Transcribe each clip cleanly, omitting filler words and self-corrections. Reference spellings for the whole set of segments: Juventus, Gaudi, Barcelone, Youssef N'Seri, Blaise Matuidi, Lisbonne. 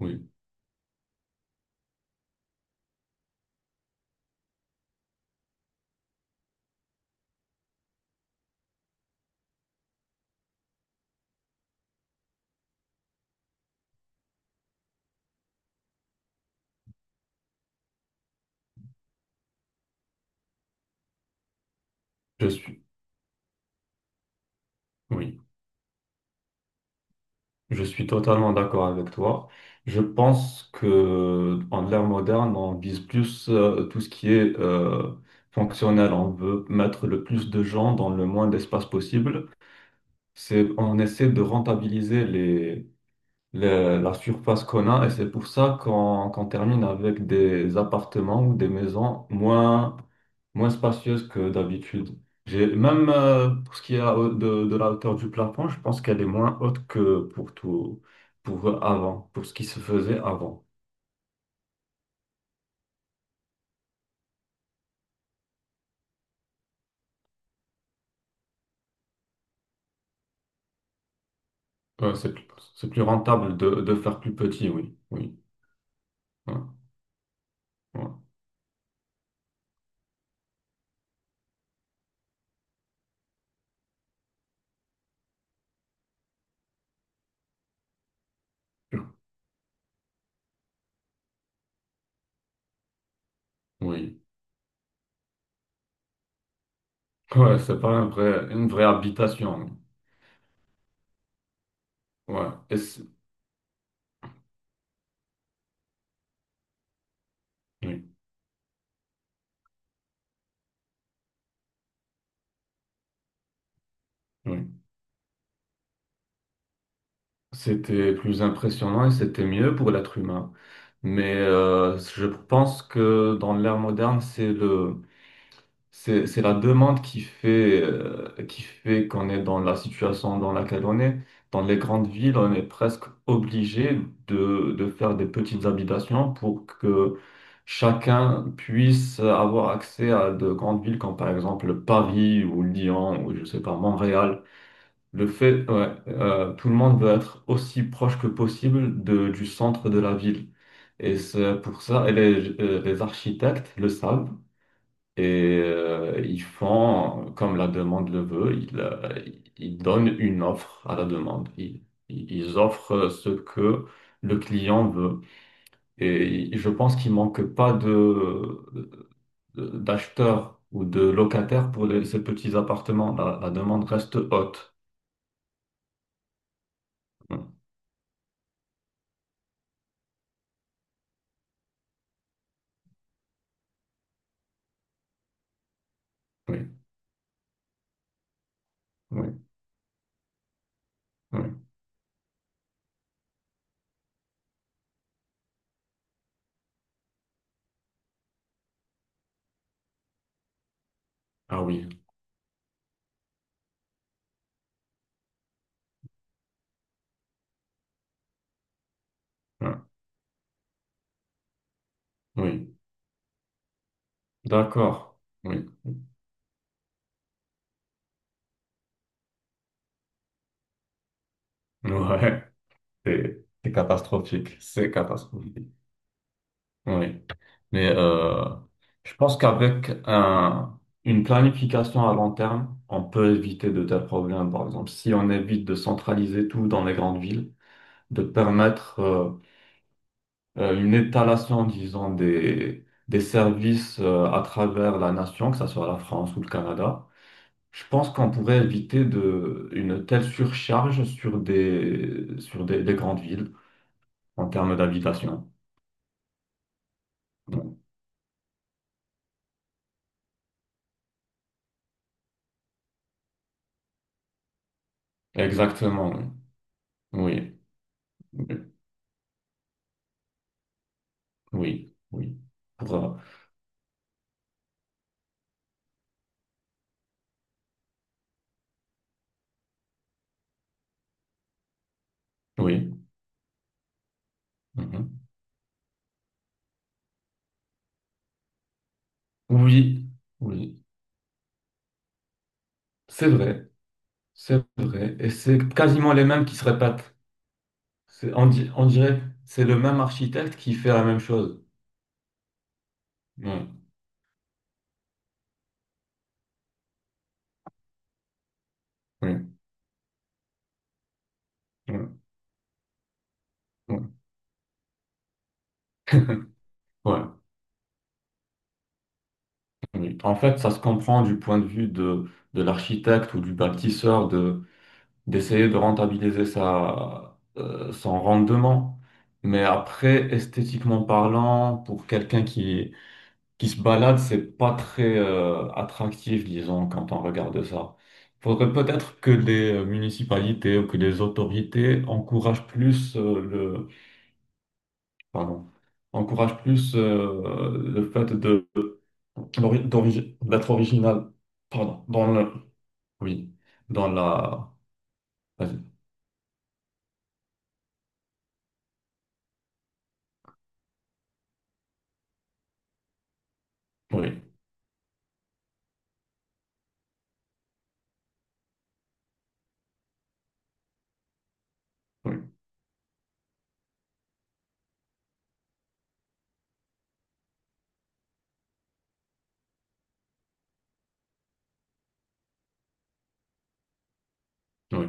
Oui, je suis, oui, je suis totalement d'accord avec toi. Je pense que en l'ère moderne, on vise plus tout ce qui est fonctionnel. On veut mettre le plus de gens dans le moins d'espace possible. C'est, on essaie de rentabiliser les, la surface qu'on a, et c'est pour ça qu'on termine avec des appartements ou des maisons moins, moins spacieuses que d'habitude. J'ai, même pour ce qui est de la hauteur du plafond, je pense qu'elle est moins haute que pour tout, pour avant, pour ce qui se faisait avant. Ouais, c'est plus rentable de faire plus petit, oui, oui, ouais, ouais, oui. Ouais, c'est pas un vrai, une vraie habitation, oui. Ouais, oui, oui. C'était plus impressionnant et c'était mieux pour l'être humain. Mais je pense que dans l'ère moderne, c'est le, c'est la demande qui fait qu'on est dans la situation dans laquelle on est. Dans les grandes villes, on est presque obligé de faire des petites habitations pour que chacun puisse avoir accès à de grandes villes comme par exemple Paris ou Lyon ou je sais pas, Montréal. Le fait, ouais, tout le monde veut être aussi proche que possible de, du centre de la ville. Et c'est pour ça, et les architectes le savent et ils font comme la demande le veut, ils, ils donnent une offre à la demande. Ils offrent ce que le client veut. Et je pense qu'il manque pas de, d'acheteurs ou de locataires pour ces petits appartements. La demande reste haute. Oui, oui, oui, oui. Ah oui, hein, oui, d'accord, oui, ouais, c'est catastrophique, c'est catastrophique, oui. Mais je pense qu'avec un, une planification à long terme, on peut éviter de tels problèmes. Par exemple, si on évite de centraliser tout dans les grandes villes, de permettre une étalation, disons, des services à travers la nation, que ce soit la France ou le Canada. Je pense qu'on pourrait éviter de, une telle surcharge sur des grandes villes en termes d'habitation. Exactement, oui. Oui, oui, oui. Pour, oui. Mhm. Oui, oui. C'est vrai, c'est vrai. Et c'est quasiment les mêmes qui se répètent. C'est, on, on dirait c'est le même architecte qui fait la même chose. Oui, oui, oui, oui. Ouais, oui. En fait, ça se comprend du point de vue de l'architecte ou du bâtisseur d'essayer de rentabiliser sa, son rendement. Mais après, esthétiquement parlant, pour quelqu'un qui se balade, c'est pas très attractif, disons, quand on regarde ça. Il faudrait peut-être que les municipalités ou que les autorités encouragent plus le, pardon, encouragent plus le fait de d'être original, pardon, dans le, oui, dans la, vas-y, oui, oui, oui,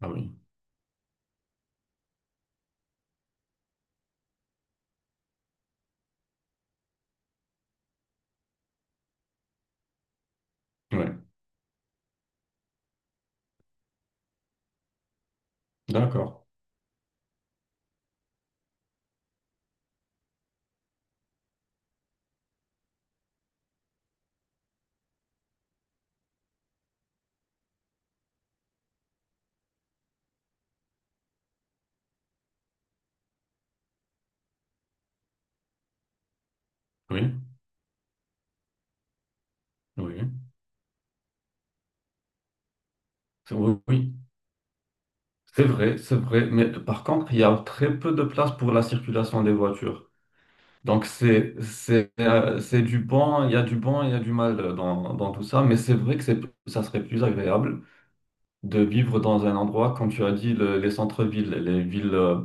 ah oui. Ouais, d'accord. Oui, oui, oui, oui. C'est vrai, c'est vrai. Mais par contre, il y a très peu de place pour la circulation des voitures. Donc c'est c'est du bon, il y a du bon, il y a du mal dans, dans tout ça. Mais c'est vrai que c'est ça serait plus agréable de vivre dans un endroit, comme tu as dit, les centres-villes, les villes euh,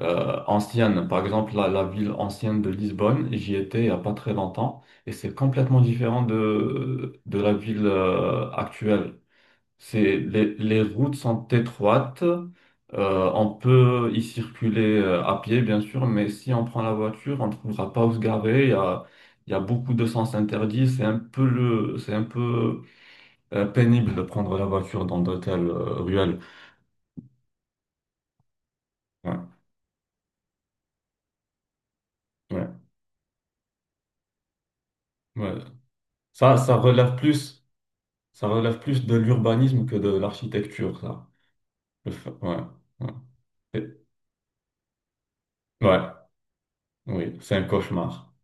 euh, anciennes. Par exemple, la ville ancienne de Lisbonne, j'y étais il n'y a pas très longtemps, et c'est complètement différent de la ville actuelle. C'est les routes sont étroites. On peut y circuler à pied, bien sûr, mais si on prend la voiture, on ne trouvera pas où se garer. Il y a beaucoup de sens interdits. C'est un peu le, c'est un peu pénible de prendre la voiture dans d'hôtels ruelles. Ouais, ouais, ouais. Ça, ça relève plus de l'urbanisme que de l'architecture, ça. Ouais, ouais. Et- ouais, oui, c'est un cauchemar.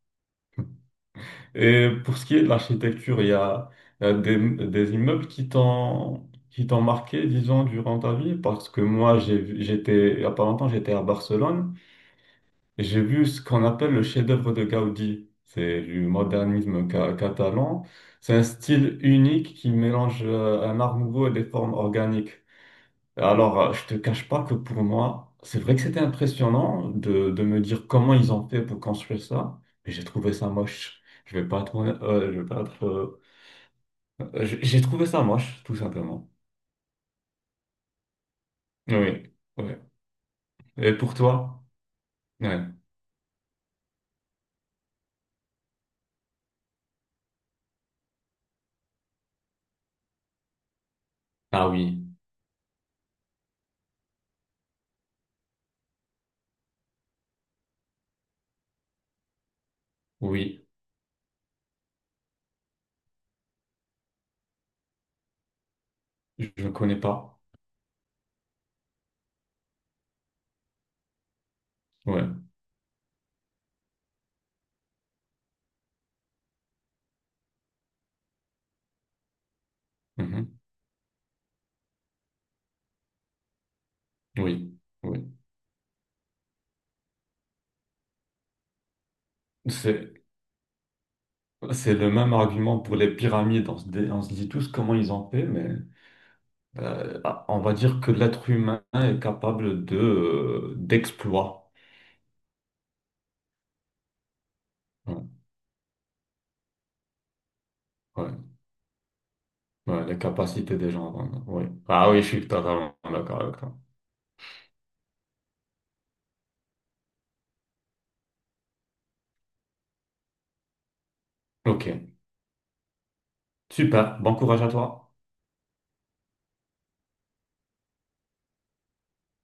Et pour ce qui est de l'architecture, il y a des immeubles qui t'ont marqué, disons, durant ta vie, parce que moi, j'ai, j'étais, il y a pas longtemps, j'étais à Barcelone, et j'ai vu ce qu'on appelle le chef-d'œuvre de Gaudi. C'est du modernisme catalan. C'est un style unique qui mélange un art nouveau et des formes organiques. Alors, je te cache pas que pour moi, c'est vrai que c'était impressionnant de me dire comment ils ont fait pour construire ça, mais j'ai trouvé ça moche. Je vais pas être, je vais pas être, j'ai trouvé ça moche, tout simplement. Oui, ouais. Et pour toi? Ouais. Ah oui, oui, je ne connais pas. Ouais. Mhm. Oui, oui. C'est, c'est le même argument pour les pyramides. On se, on se dit tous comment ils ont fait, mais on va dire que l'être humain est capable de d'exploits. Ouais, ouais, ouais, les capacités des gens. Vraiment, ouais. Ah oui, je suis totalement d'accord avec toi. Ok, super. Bon courage à toi.